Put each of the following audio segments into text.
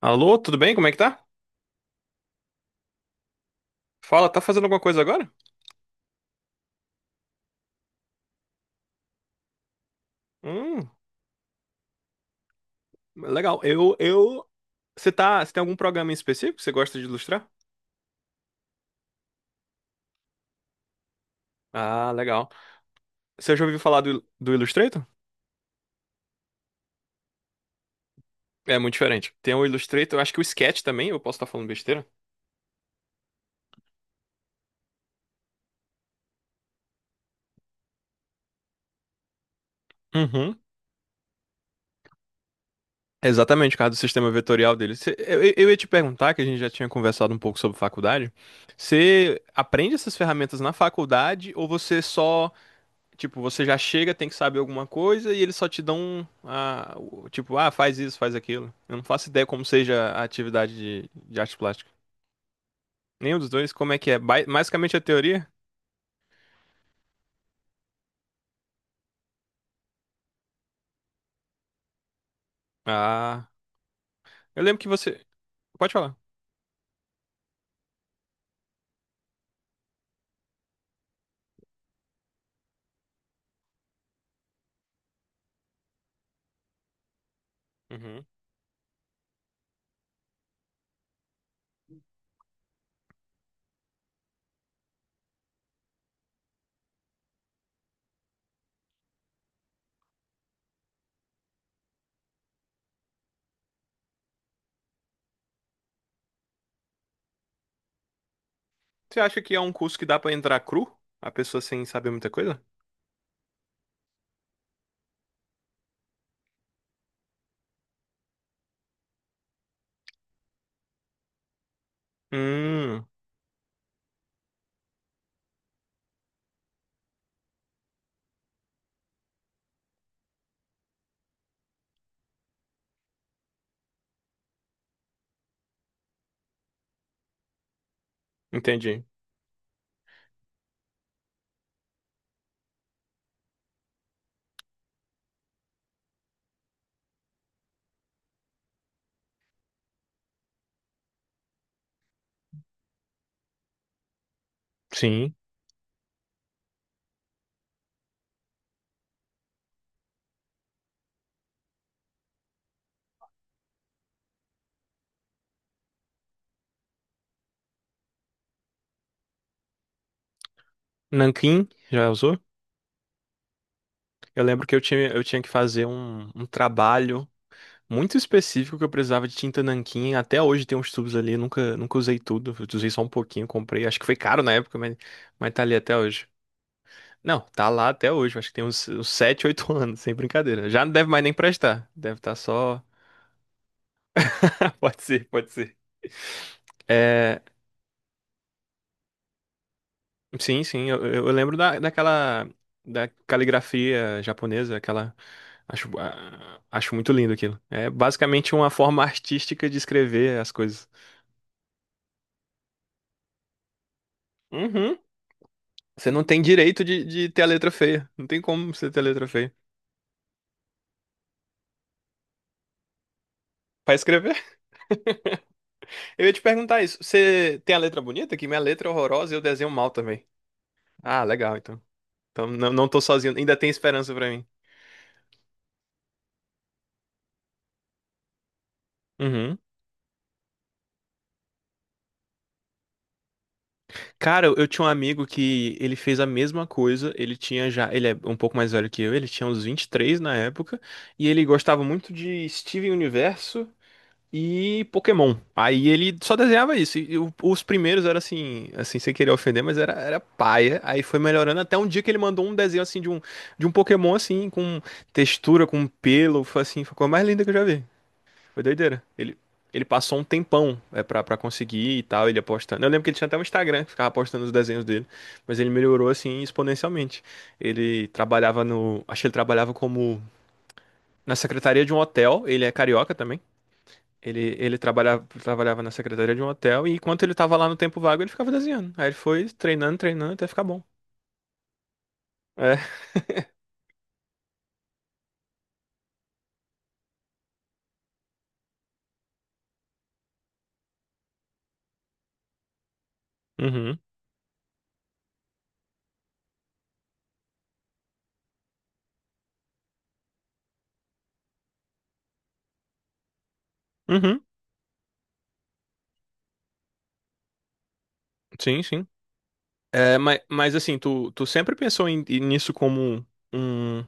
Alô, tudo bem? Como é que tá? Fala, tá fazendo alguma coisa agora? Hum, legal. Eu. Você tem algum programa em específico que você gosta de ilustrar? Ah, legal. Você já ouviu falar do Illustrator? É muito diferente. Tem o Illustrator, acho que o Sketch também, eu posso estar falando besteira. Uhum. Exatamente, por causa do sistema vetorial dele. Eu ia te perguntar, que a gente já tinha conversado um pouco sobre faculdade. Você aprende essas ferramentas na faculdade ou você só. Tipo, você já chega, tem que saber alguma coisa e eles só te dão tipo, ah, faz isso, faz aquilo. Eu não faço ideia como seja a atividade de arte plástica. Nenhum dos dois, como é que é? Basicamente a teoria? Ah, eu lembro que você. Pode falar. Uhum. Você acha que é um curso que dá pra entrar cru? A pessoa sem saber muita coisa? Hum, Entendi. Sim. Nanquim, já usou? Eu lembro que eu tinha que fazer um trabalho muito específico que eu precisava de tinta nanquim. Até hoje tem uns tubos ali, nunca usei tudo. Eu usei só um pouquinho, comprei. Acho que foi caro na época, mas tá ali até hoje. Não, tá lá até hoje. Acho que tem uns 7, 8 anos, sem brincadeira. Já não deve mais nem prestar. Deve estar só. Pode ser, pode ser. É, sim, sim, eu lembro daquela da caligrafia japonesa, aquela. Acho muito lindo aquilo. É basicamente uma forma artística de escrever as coisas. Você não tem direito de ter a letra feia. Não tem como você ter a letra feia. Pra escrever, eu ia te perguntar isso. Você tem a letra bonita? Que minha letra é horrorosa e eu desenho mal também. Ah, legal, então. Então não, não tô sozinho. Ainda tem esperança pra mim. Uhum. Cara, eu tinha um amigo que ele fez a mesma coisa. Ele tinha já. Ele é um pouco mais velho que eu. Ele tinha uns 23 na época. E ele gostava muito de Steven Universo e Pokémon. Aí ele só desenhava isso. E os primeiros eram assim, assim, sem querer ofender, mas era paia. Aí foi melhorando até um dia que ele mandou um desenho assim de um Pokémon assim, com textura, com pelo, foi assim, foi a coisa mais linda que eu já vi. Foi doideira. Ele passou um tempão pra conseguir e tal, ele apostando. Eu lembro que ele tinha até um Instagram, que ficava postando os desenhos dele, mas ele melhorou assim exponencialmente. Ele trabalhava no, acho que ele trabalhava como na secretaria de um hotel, ele é carioca também. Ele trabalhava na secretaria de um hotel e enquanto ele tava lá no tempo vago, ele ficava desenhando. Aí ele foi treinando, treinando até ficar bom. É. Uhum. Uhum. Sim, sim. É, mas assim, tu sempre pensou nisso como um,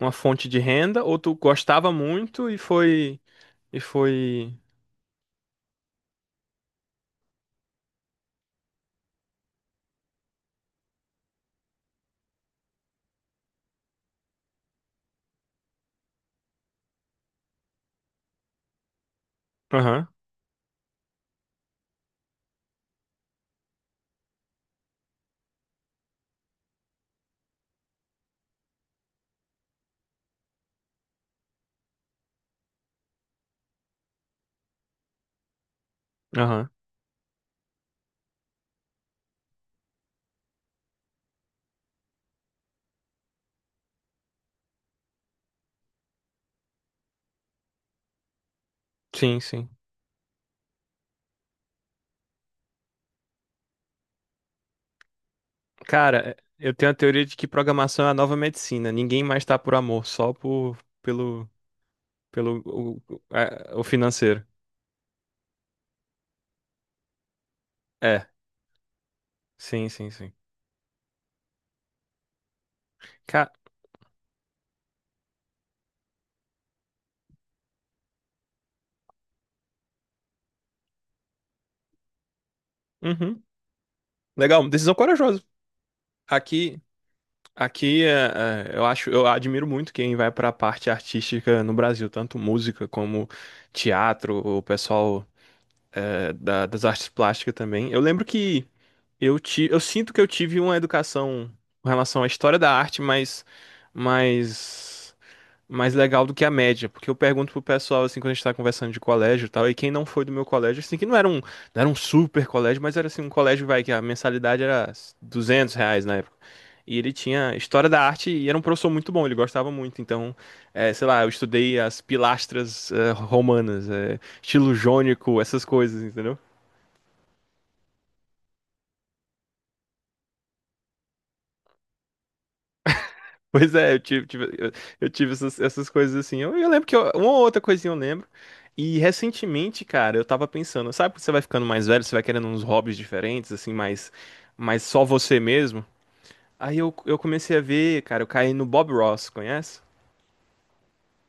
uma fonte de renda ou tu gostava muito e foi Aham. Aham. Sim, sim. Cara, eu tenho a teoria de que programação é a nova medicina. Ninguém mais tá por amor, só por pelo pelo o é, o financeiro. É. Sim, sim, sim. Ca-. Uhum. Legal, decisão corajosa. Aqui, aqui, eu admiro muito quem vai para a parte artística no Brasil, tanto música como teatro, o pessoal das artes plásticas também. Eu lembro que eu sinto que eu tive uma educação com relação à história da arte, mas mais legal do que a média, porque eu pergunto pro pessoal assim quando a gente tá conversando de colégio e tal, e quem não foi do meu colégio, assim, que não era um super colégio, mas era assim um colégio vai que a mensalidade era R$ 200 na época. E ele tinha história da arte e era um professor muito bom, ele gostava muito. Então, sei lá, eu estudei as pilastras romanas, estilo jônico, essas coisas, entendeu? Pois é, eu tive essas coisas assim. Eu lembro que uma ou outra coisinha eu lembro. E recentemente, cara, eu tava pensando, sabe que você vai ficando mais velho, você vai querendo uns hobbies diferentes, assim, mais só você mesmo? Aí eu comecei a ver, cara, eu caí no Bob Ross, conhece?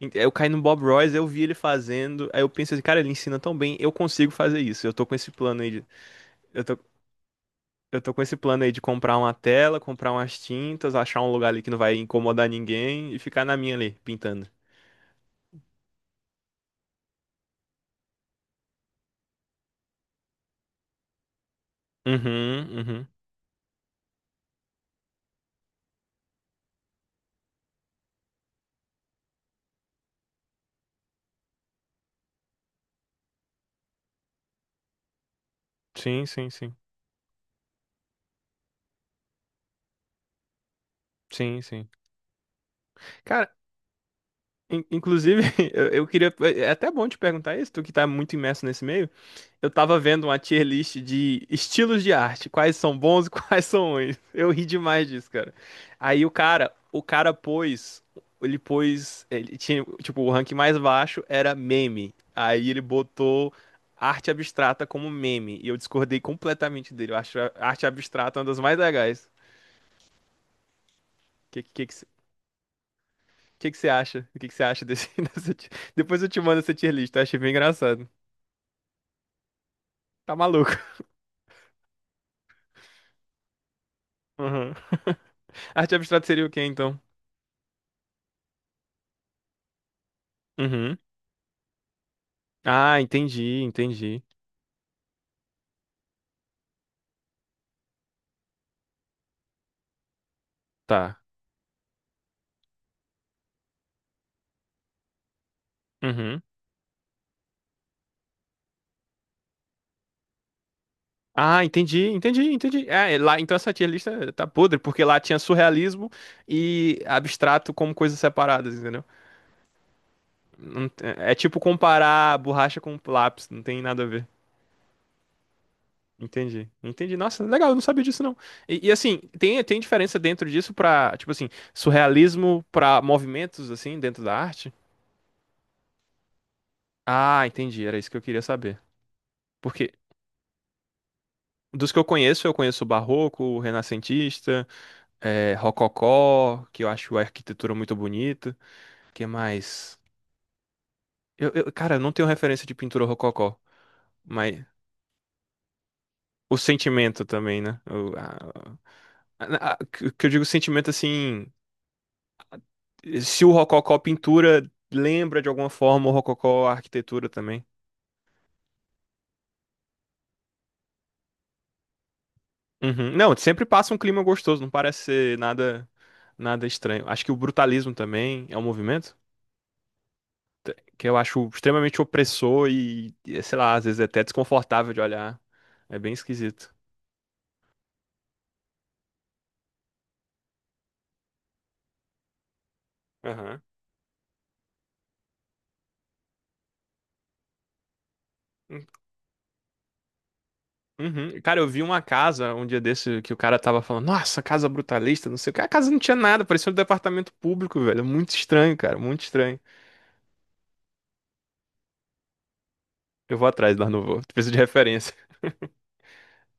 Eu caí no Bob Ross, eu vi ele fazendo, aí eu pensei, assim, cara, ele ensina tão bem, eu consigo fazer isso. Eu tô com esse plano aí de, eu tô, eu tô com esse plano aí de comprar uma tela, comprar umas tintas, achar um lugar ali que não vai incomodar ninguém e ficar na minha ali, pintando. Uhum, uhum. Sim, sim, sim. Sim, sim. Cara, inclusive, eu queria. É até bom te perguntar isso, tu que tá muito imerso nesse meio. Eu tava vendo uma tier list de estilos de arte, quais são bons e quais são ruins. Eu ri demais disso, cara. Aí o cara pôs. Ele pôs. Ele tinha, tipo, o rank mais baixo era meme. Aí ele botou arte abstrata como meme. E eu discordei completamente dele. Eu acho a arte abstrata uma das mais legais. O que. O que que você acha? O que que você acha dessa ti-. Depois eu te mando essa tier list, eu achei bem engraçado. Tá maluco. Uhum. Arte abstrata seria o quê, então? Uhum. Ah, entendi, entendi. Tá. Uhum. Ah, entendi, entendi, entendi. É lá, então essa tier lista tá podre, porque lá tinha surrealismo e abstrato como coisas separadas, entendeu? Não te- é tipo comparar borracha com lápis, não tem nada a ver. Entendi, entendi. Nossa, legal, eu não sabia disso não. E, assim, tem diferença dentro disso pra, tipo assim, surrealismo pra movimentos, assim, dentro da arte? Ah, entendi, era isso que eu queria saber. Porque dos que eu conheço o barroco, o renascentista, rococó, que eu acho a arquitetura muito bonita. Que mais? Cara, eu não tenho referência de pintura rococó, mas o sentimento também, né? O, a- que eu digo sentimento assim. Se o Rococó pintura lembra de alguma forma o Rococó arquitetura também. Uhum. Não, sempre passa um clima gostoso, não parece ser nada estranho. Acho que o brutalismo também é um movimento que eu acho extremamente opressor e, sei lá, às vezes é até desconfortável de olhar. É bem esquisito. Aham. Hum, Uhum. Cara, eu vi uma casa um dia desse que o cara tava falando, nossa, casa brutalista, não sei o que. A casa não tinha nada, parecia um departamento público, velho. Muito estranho, cara, muito estranho. Eu vou atrás lá no voo. Preciso de referência.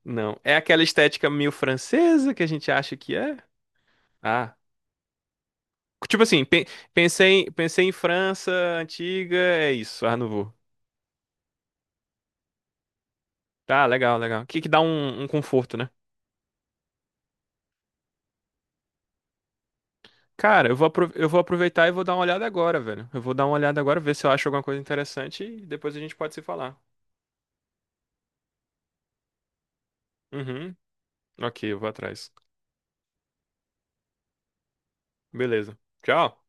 Não. É aquela estética meio francesa que a gente acha que é? Ah. Tipo assim, pensei em França antiga, é isso, Art Nouveau. Tá, legal, legal. Que dá um conforto, né? Cara, eu vou aproveitar e vou dar uma olhada agora, velho. Eu vou dar uma olhada agora, ver se eu acho alguma coisa interessante e depois a gente pode se falar. Uhum. Ok, eu vou atrás. Beleza. Tchau.